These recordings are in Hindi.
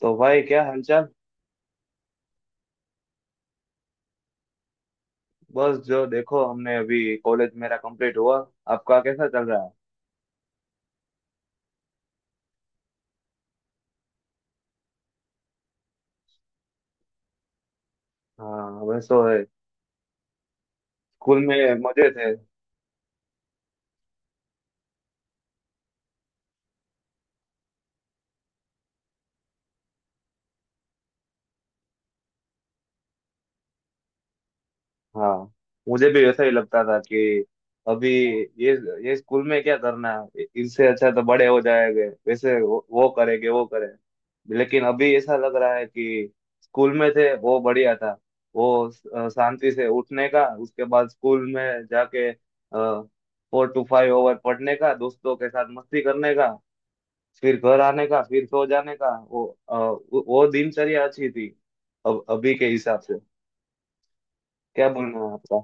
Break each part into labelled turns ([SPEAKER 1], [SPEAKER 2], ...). [SPEAKER 1] तो भाई, क्या हालचाल? बस जो देखो, हमने अभी कॉलेज मेरा कंप्लीट हुआ। आपका कैसा चल रहा है? हाँ, वैसे है। स्कूल में मजे थे। हाँ, मुझे भी ऐसा ही लगता था कि अभी ये ये स्कूल में क्या करना है, इससे अच्छा तो बड़े हो जाएंगे वैसे वो करेंगे, वो करें। लेकिन अभी ऐसा लग रहा है कि स्कूल में थे वो बढ़िया था। वो शांति से उठने का, उसके बाद स्कूल में जाके 4 टू 5 ओवर पढ़ने का, दोस्तों के साथ मस्ती करने का, फिर घर आने का, फिर सो जाने का। वो अ, वो दिनचर्या अच्छी थी। अब अभी के हिसाब से। क्या बोलना है आपका?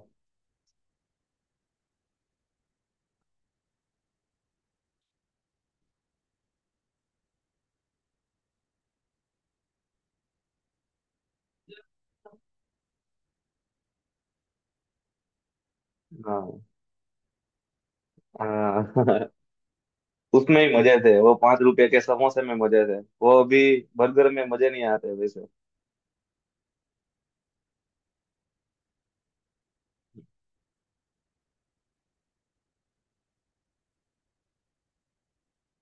[SPEAKER 1] हाँ, हाँ। उसमें ही मजे थे, वो 5 रुपए के समोसे में मजे थे। वो अभी बर्गर में मजे नहीं आते वैसे।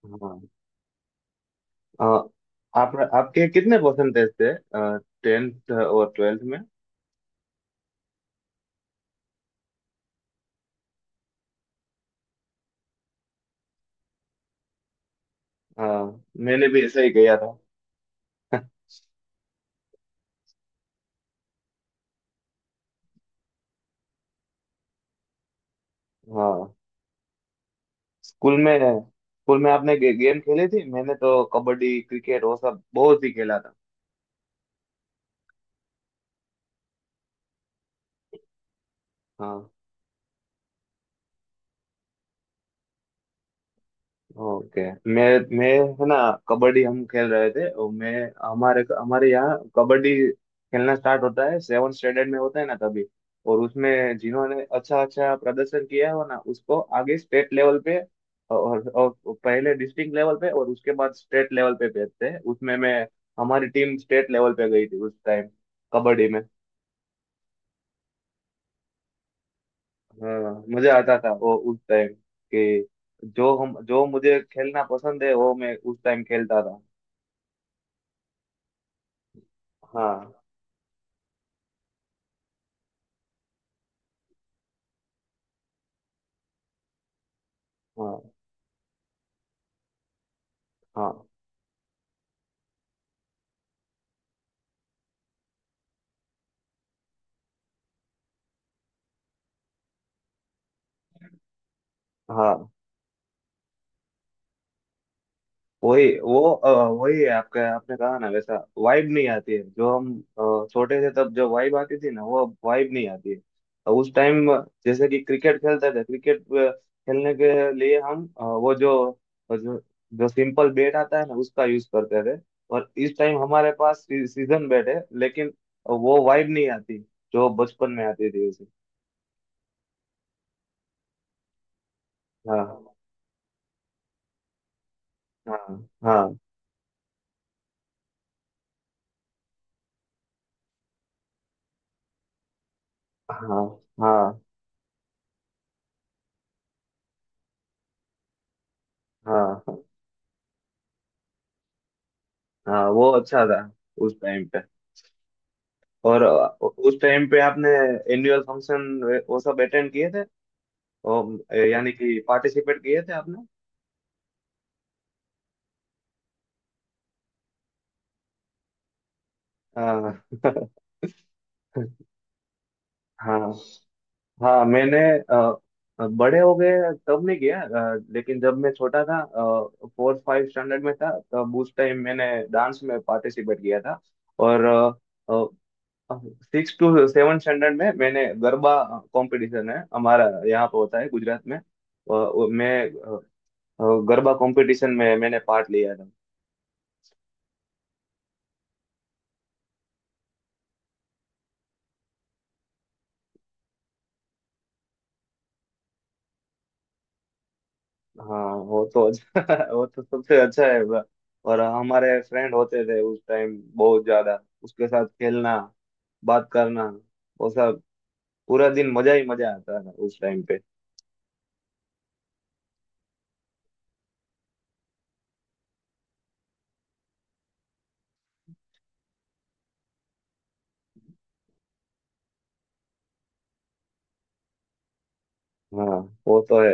[SPEAKER 1] हाँ। अ, आप आपके कितने परसेंटेज थे टेंथ और ट्वेल्थ में? हाँ, मैंने भी ऐसा ही किया था। हाँ। स्कूल में स्कूल में आपने गेम खेली थी? मैंने तो कबड्डी, क्रिकेट वो सब बहुत ही खेला था। हाँ। ओके। मैं मैं है ना, कबड्डी हम खेल रहे थे। और मैं, हमारे हमारे यहाँ कबड्डी खेलना स्टार्ट होता है 7 स्टैंडर्ड में होता है ना तभी। और उसमें जिन्होंने अच्छा अच्छा प्रदर्शन किया हो ना उसको आगे स्टेट लेवल पे और पहले डिस्ट्रिक्ट लेवल पे और उसके बाद स्टेट लेवल पे भेजते हैं। उसमें मैं, हमारी टीम स्टेट लेवल पे गई थी उस टाइम, कबड्डी में। हाँ, मजा आता था वो उस टाइम। कि जो मुझे खेलना पसंद है वो मैं उस टाइम खेलता था। हाँ, हाँ, हाँ, हाँ। वही है आपका, आपने कहा ना वैसा। वाइब नहीं आती है जो हम छोटे थे तब जो वाइब आती थी ना वो अब वाइब नहीं आती है। और उस टाइम जैसे कि क्रिकेट खेलते थे, क्रिकेट खेलने के लिए हम अ, वो जो जो जो सिंपल बैट आता है ना उसका यूज करते थे। और इस टाइम हमारे पास सीजन बैट है, लेकिन वो वाइब नहीं आती जो बचपन में आती थी उसे। हाँ, हाँ, हाँ, हाँ, हाँ, हाँ, हाँ। वो अच्छा था उस टाइम पे। और उस टाइम पे आपने एनुअल फंक्शन वो सब अटेंड किए थे, और यानी कि पार्टिसिपेट किए थे आपने? हाँ। हाँ, हाँ, मैंने बड़े हो गए तब नहीं किया। लेकिन जब मैं छोटा था, फोर्थ फाइव स्टैंडर्ड में था, तब उस टाइम मैंने डांस में पार्टिसिपेट किया था। और 6 टू 7 स्टैंडर्ड में मैंने गरबा कंपटीशन, है हमारा यहाँ पे होता है गुजरात में, मैं गरबा कंपटीशन में मैंने पार्ट लिया था। हाँ, वो तो अच्छा। वो तो सबसे अच्छा है। और हमारे फ्रेंड होते थे उस टाइम बहुत ज्यादा, उसके साथ खेलना, बात करना, वो सब। पूरा दिन मजा ही मजा आता था उस टाइम पे। हाँ, वो तो है।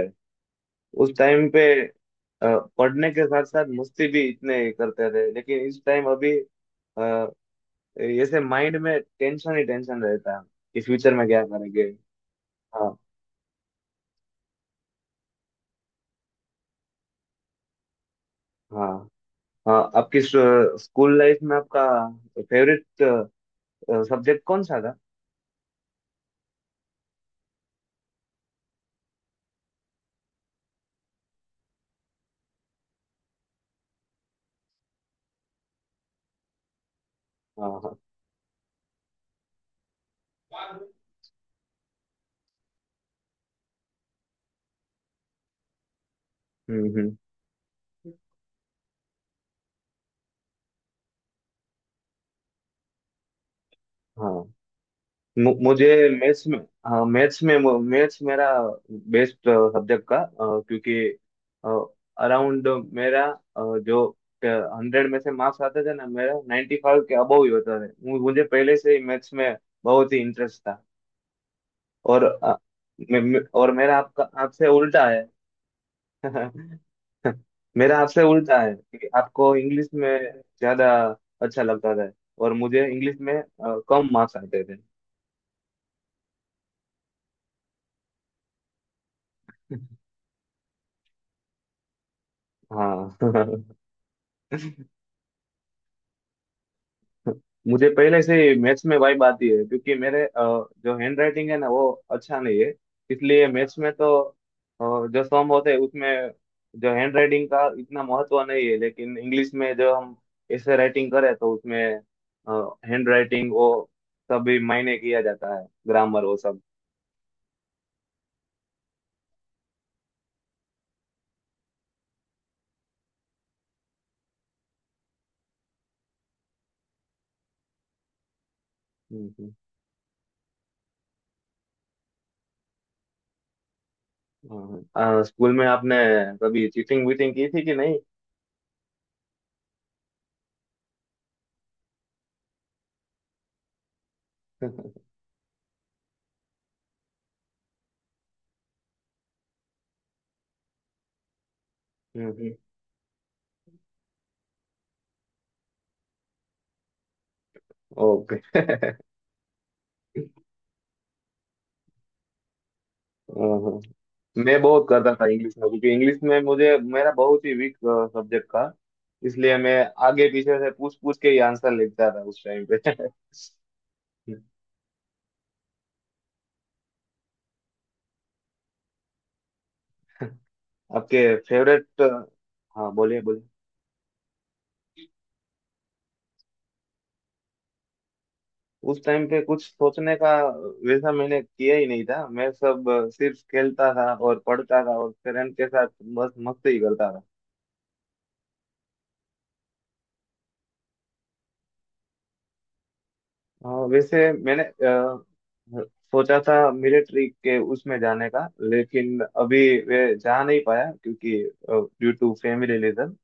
[SPEAKER 1] उस टाइम पे अ, पढ़ने के साथ साथ मस्ती भी इतने करते थे, लेकिन इस टाइम अभी जैसे माइंड में टेंशन ही टेंशन रहता है कि फ्यूचर में क्या करेंगे। हाँ, हाँ। हाँ, आपकी स्कूल लाइफ में आपका फेवरेट सब्जेक्ट कौन सा था? हाँ, हाँ। हम्म, हम्म। हाँ। मुझे मैथ्स में। हाँ, मैथ्स में। मैथ्स मेरा बेस्ट सब्जेक्ट का, क्योंकि अराउंड मेरा जो 100 में से मार्क्स आते थे ना, मेरा 95 के अबव ही होता था। मुझे पहले से ही मैथ्स में बहुत ही इंटरेस्ट था। और अ, मे- मे- और मेरा, आपका आपसे उल्टा है। मेरा आपसे उल्टा है कि आपको इंग्लिश में ज्यादा अच्छा लगता था और मुझे इंग्लिश में कम मार्क्स आते थे। हाँ। मुझे पहले से ही मैथ्स में वाइब आती है क्योंकि मेरे जो हैंड राइटिंग है ना वो अच्छा नहीं है। इसलिए मैथ्स में तो जो सम होते हैं उसमें जो हैंड राइटिंग का इतना महत्व नहीं है, लेकिन इंग्लिश में जो हम ऐसे राइटिंग करें तो उसमें हैंड राइटिंग वो सब भी मायने किया जाता है, ग्रामर वो सब। हम्म। हाँ, हाँ। स्कूल में आपने कभी चीटिंग वीटिंग की थी कि नहीं? हम्म। ओके। हाँ। मैं बहुत करता था इंग्लिश में क्योंकि इंग्लिश में मुझे, मेरा बहुत ही वीक सब्जेक्ट था, इसलिए मैं आगे पीछे से पूछ पूछ के ही आंसर लिखता था उस टाइम पे। आपके फेवरेट। हाँ, बोलिए बोलिए। उस टाइम पे कुछ सोचने का वैसा मैंने किया ही नहीं था। मैं सब सिर्फ खेलता था और पढ़ता था और पेरेंट के साथ बस मस्ती ही करता था। हाँ, वैसे मैंने सोचा था मिलिट्री के उसमें जाने का, लेकिन अभी वे जा नहीं पाया क्योंकि ड्यू टू फैमिली रीजन।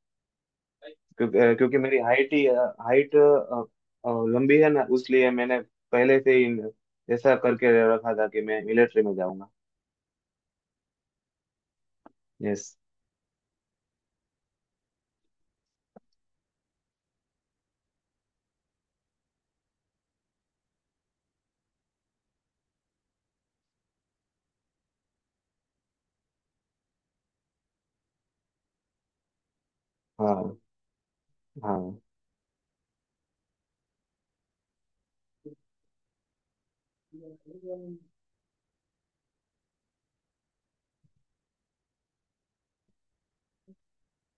[SPEAKER 1] क्योंकि क्योंकि मेरी हाइट लंबी है ना, उसलिए मैंने पहले से ही ऐसा करके रखा था कि मैं मिलिट्री में जाऊंगा। यस। हाँ, हाँ,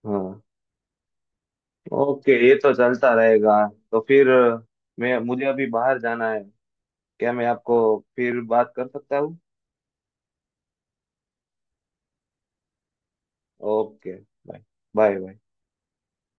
[SPEAKER 1] हाँ। ओके, ये तो चलता रहेगा। तो फिर मैं मुझे अभी बाहर जाना है, क्या मैं आपको फिर बात कर सकता हूँ? ओके। Bye, bye, bye.